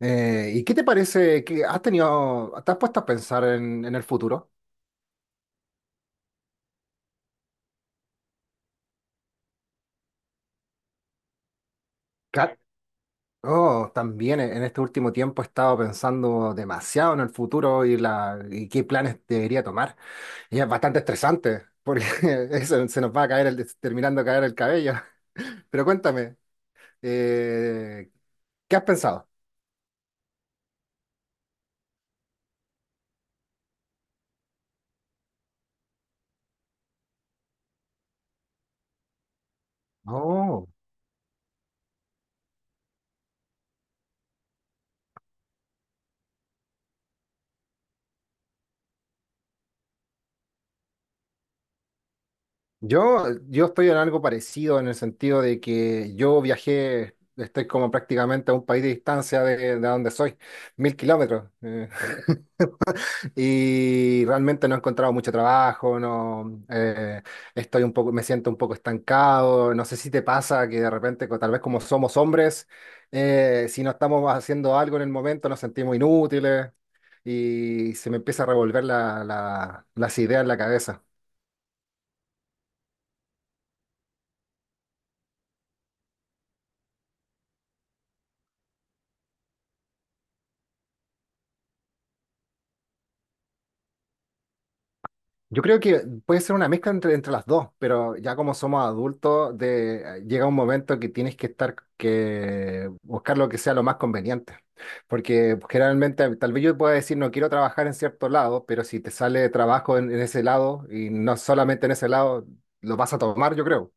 ¿Y qué te parece que has tenido, te has puesto a pensar en el futuro? Ca- Oh, también en este último tiempo he estado pensando demasiado en el futuro y qué planes debería tomar. Y es bastante estresante porque eso, se nos va a caer terminando de caer el cabello. Pero cuéntame, eh, ¿qué has pensado? Oh. Yo estoy en algo parecido en el sentido de que yo viajé, estoy como prácticamente a un país de distancia de donde soy, 1.000 kilómetros. Y realmente no he encontrado mucho trabajo, no, estoy un poco, me siento un poco estancado. No sé si te pasa que de repente, tal vez como somos hombres, si no estamos haciendo algo en el momento, nos sentimos inútiles y se me empieza a revolver las ideas en la cabeza. Yo creo que puede ser una mezcla entre las dos, pero ya como somos adultos, llega un momento que tienes que estar, que buscar lo que sea lo más conveniente. Porque generalmente, tal vez yo pueda decir, no quiero trabajar en cierto lado, pero si te sale trabajo en ese lado y no solamente en ese lado, lo vas a tomar, yo creo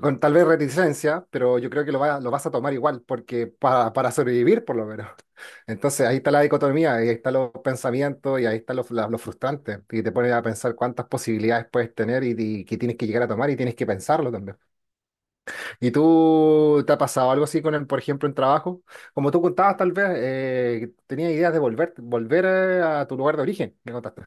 con tal vez reticencia, pero yo creo que lo vas a tomar igual, porque para sobrevivir por lo menos. Entonces ahí está la dicotomía, ahí están los pensamientos y ahí están los frustrantes. Y te pones a pensar cuántas posibilidades puedes tener y que tienes que llegar a tomar y tienes que pensarlo también. ¿Y tú te ha pasado algo así con el, por ejemplo, en trabajo? Como tú contabas, tal vez tenías ideas de volver a tu lugar de origen, me contaste.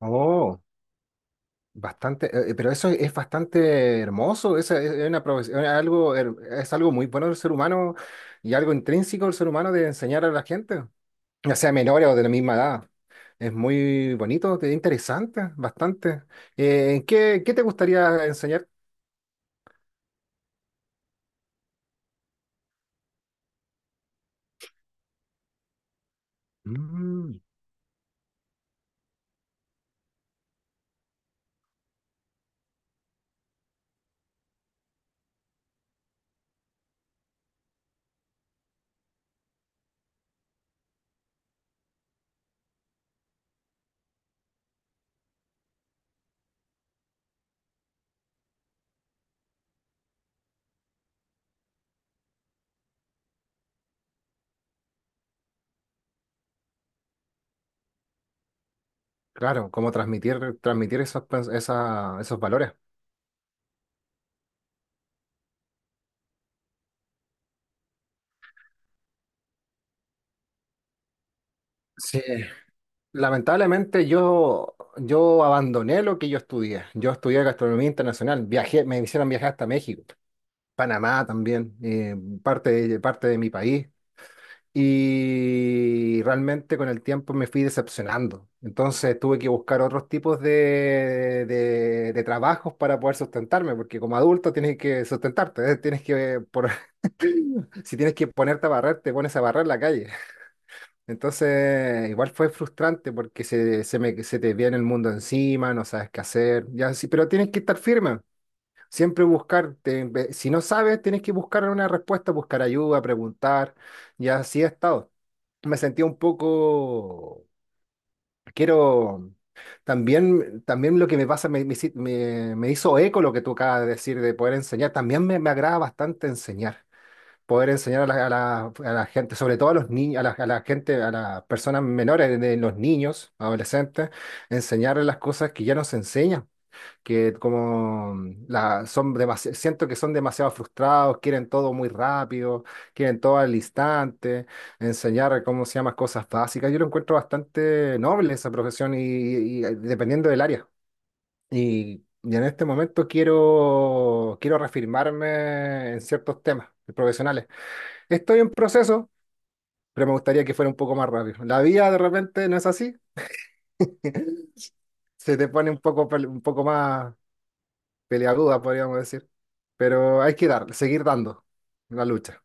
Oh. Bastante, pero eso es bastante hermoso, esa es una profesión, es algo, es algo muy bueno del ser humano y algo intrínseco del ser humano de enseñar a la gente, ya sea menores o de la misma edad. Es muy bonito, interesante, bastante. ¿En ¿qué, qué te gustaría enseñar? Mm, claro, cómo transmitir esos, esos valores. Sí, lamentablemente yo abandoné lo que yo estudié. Yo estudié gastronomía internacional, viajé, me hicieron viajar hasta México. Panamá también, parte parte de mi país. Y realmente con el tiempo me fui decepcionando. Entonces tuve que buscar otros tipos de trabajos para poder sustentarme, porque como adulto tienes que sustentarte, ¿eh? Si tienes que ponerte a barrer, te pones a barrer la calle. Entonces igual fue frustrante porque se te viene el mundo encima, no sabes qué hacer, ya, sí, pero tienes que estar firme. Siempre buscar, si no sabes, tienes que buscar una respuesta, buscar ayuda, preguntar, y así he estado. Me sentía un poco, quiero, también, también lo que me pasa, me hizo eco lo que tú acabas de decir de poder enseñar, también me agrada bastante enseñar, poder enseñar a a la gente, sobre todo a los niños, a a la gente, a las personas menores, de los niños, adolescentes, enseñarles las cosas que ya nos enseñan que como son siento que son demasiado frustrados, quieren todo muy rápido, quieren todo al instante, enseñar cómo se llaman cosas básicas. Yo lo encuentro bastante noble esa profesión y dependiendo del área. Y en este momento quiero, quiero reafirmarme en ciertos temas profesionales. Estoy en proceso, pero me gustaría que fuera un poco más rápido. La vida de repente no es así, se te pone un poco, un poco más peleaguda, podríamos decir. Pero hay que dar, seguir dando la lucha.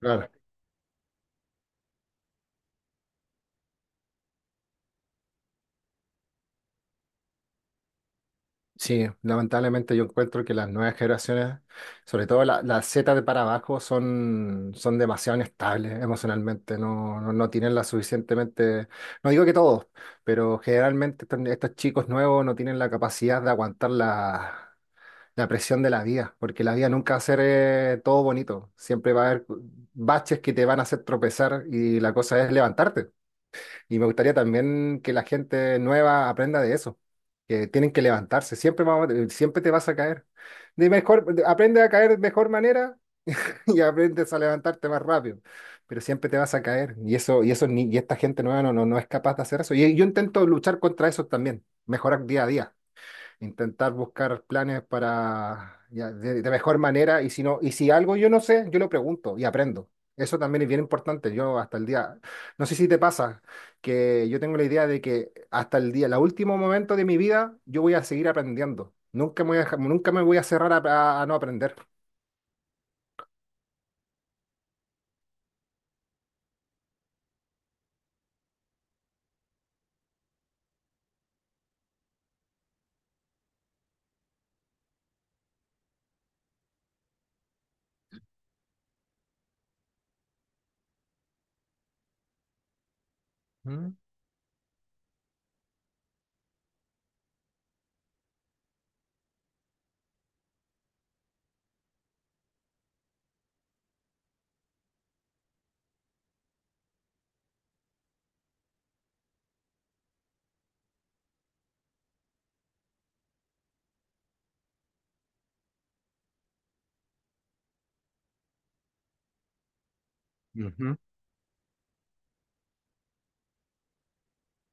Claro. Sí, lamentablemente yo encuentro que las nuevas generaciones, sobre todo la Z de para abajo, son, son demasiado inestables emocionalmente, no, no, no tienen la suficientemente, no digo que todos, pero generalmente estos chicos nuevos no tienen la capacidad de aguantar la presión de la vida, porque la vida nunca va a ser todo bonito, siempre va a haber baches que te van a hacer tropezar y la cosa es levantarte. Y me gustaría también que la gente nueva aprenda de eso, que tienen que levantarse, siempre te vas a caer. Aprende a caer de mejor manera y aprendes a levantarte más rápido, pero siempre te vas a caer. Y eso, y eso, y esta gente nueva no, no, no es capaz de hacer eso. Y yo intento luchar contra eso también, mejorar día a día, intentar buscar planes para ya, de mejor manera y si no, y si algo yo no sé, yo lo pregunto y aprendo. Eso también es bien importante. Yo hasta el día, no sé si te pasa, que yo tengo la idea de que hasta el día, el último momento de mi vida, yo voy a seguir aprendiendo. Nunca me voy a nunca me voy a cerrar a, a no aprender. Ujú.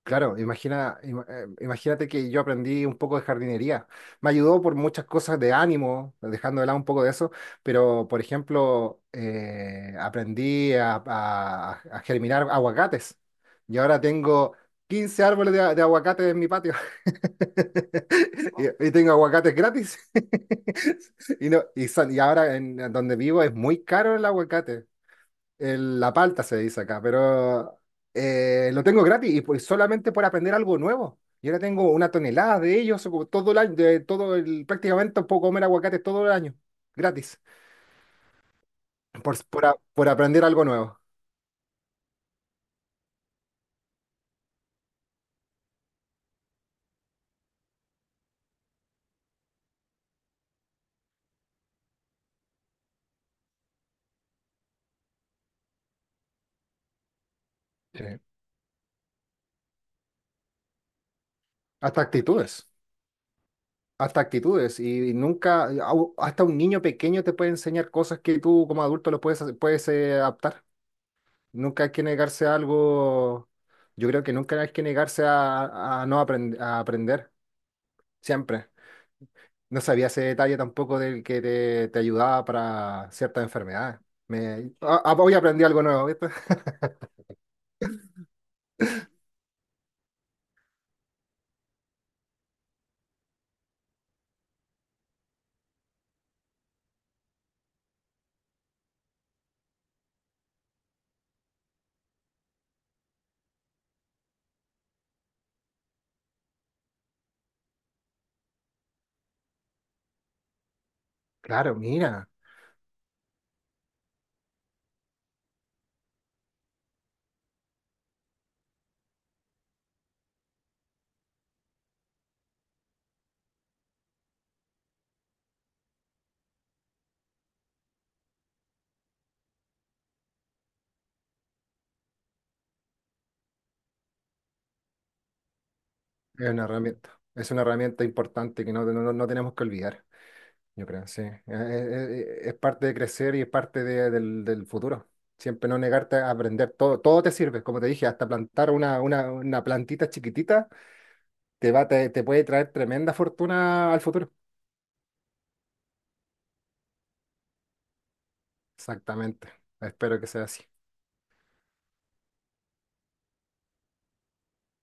Claro, imagínate que yo aprendí un poco de jardinería. Me ayudó por muchas cosas de ánimo, dejando de lado un poco de eso, pero por ejemplo, aprendí a germinar aguacates y ahora tengo 15 árboles de aguacate en mi patio y tengo aguacates gratis. Y, no, y, son- Y ahora en donde vivo es muy caro el aguacate, la palta se dice acá, pero lo tengo gratis y pues solamente por aprender algo nuevo. Y ahora tengo una tonelada de ellos como todo el año, prácticamente puedo comer aguacate todo el año, gratis, por aprender algo nuevo. Sí. Hasta actitudes, hasta actitudes. Y, nunca, au- hasta un niño pequeño te puede enseñar cosas que tú como adulto lo puedes, puedes adaptar. Nunca hay que negarse a algo, yo creo que nunca hay que negarse a no aprend- a aprender, siempre. No sabía ese detalle tampoco del que te ayudaba para ciertas enfermedades. Hoy aprendí algo nuevo, ¿viste? Claro, mira, es una herramienta. Es una herramienta importante que no, no, no tenemos que olvidar, yo creo, sí. Es, parte de crecer y es parte del, del futuro. Siempre no negarte a aprender. Todo, todo te sirve, como te dije, hasta plantar una plantita chiquitita te puede traer tremenda fortuna al futuro. Exactamente. Espero que sea así.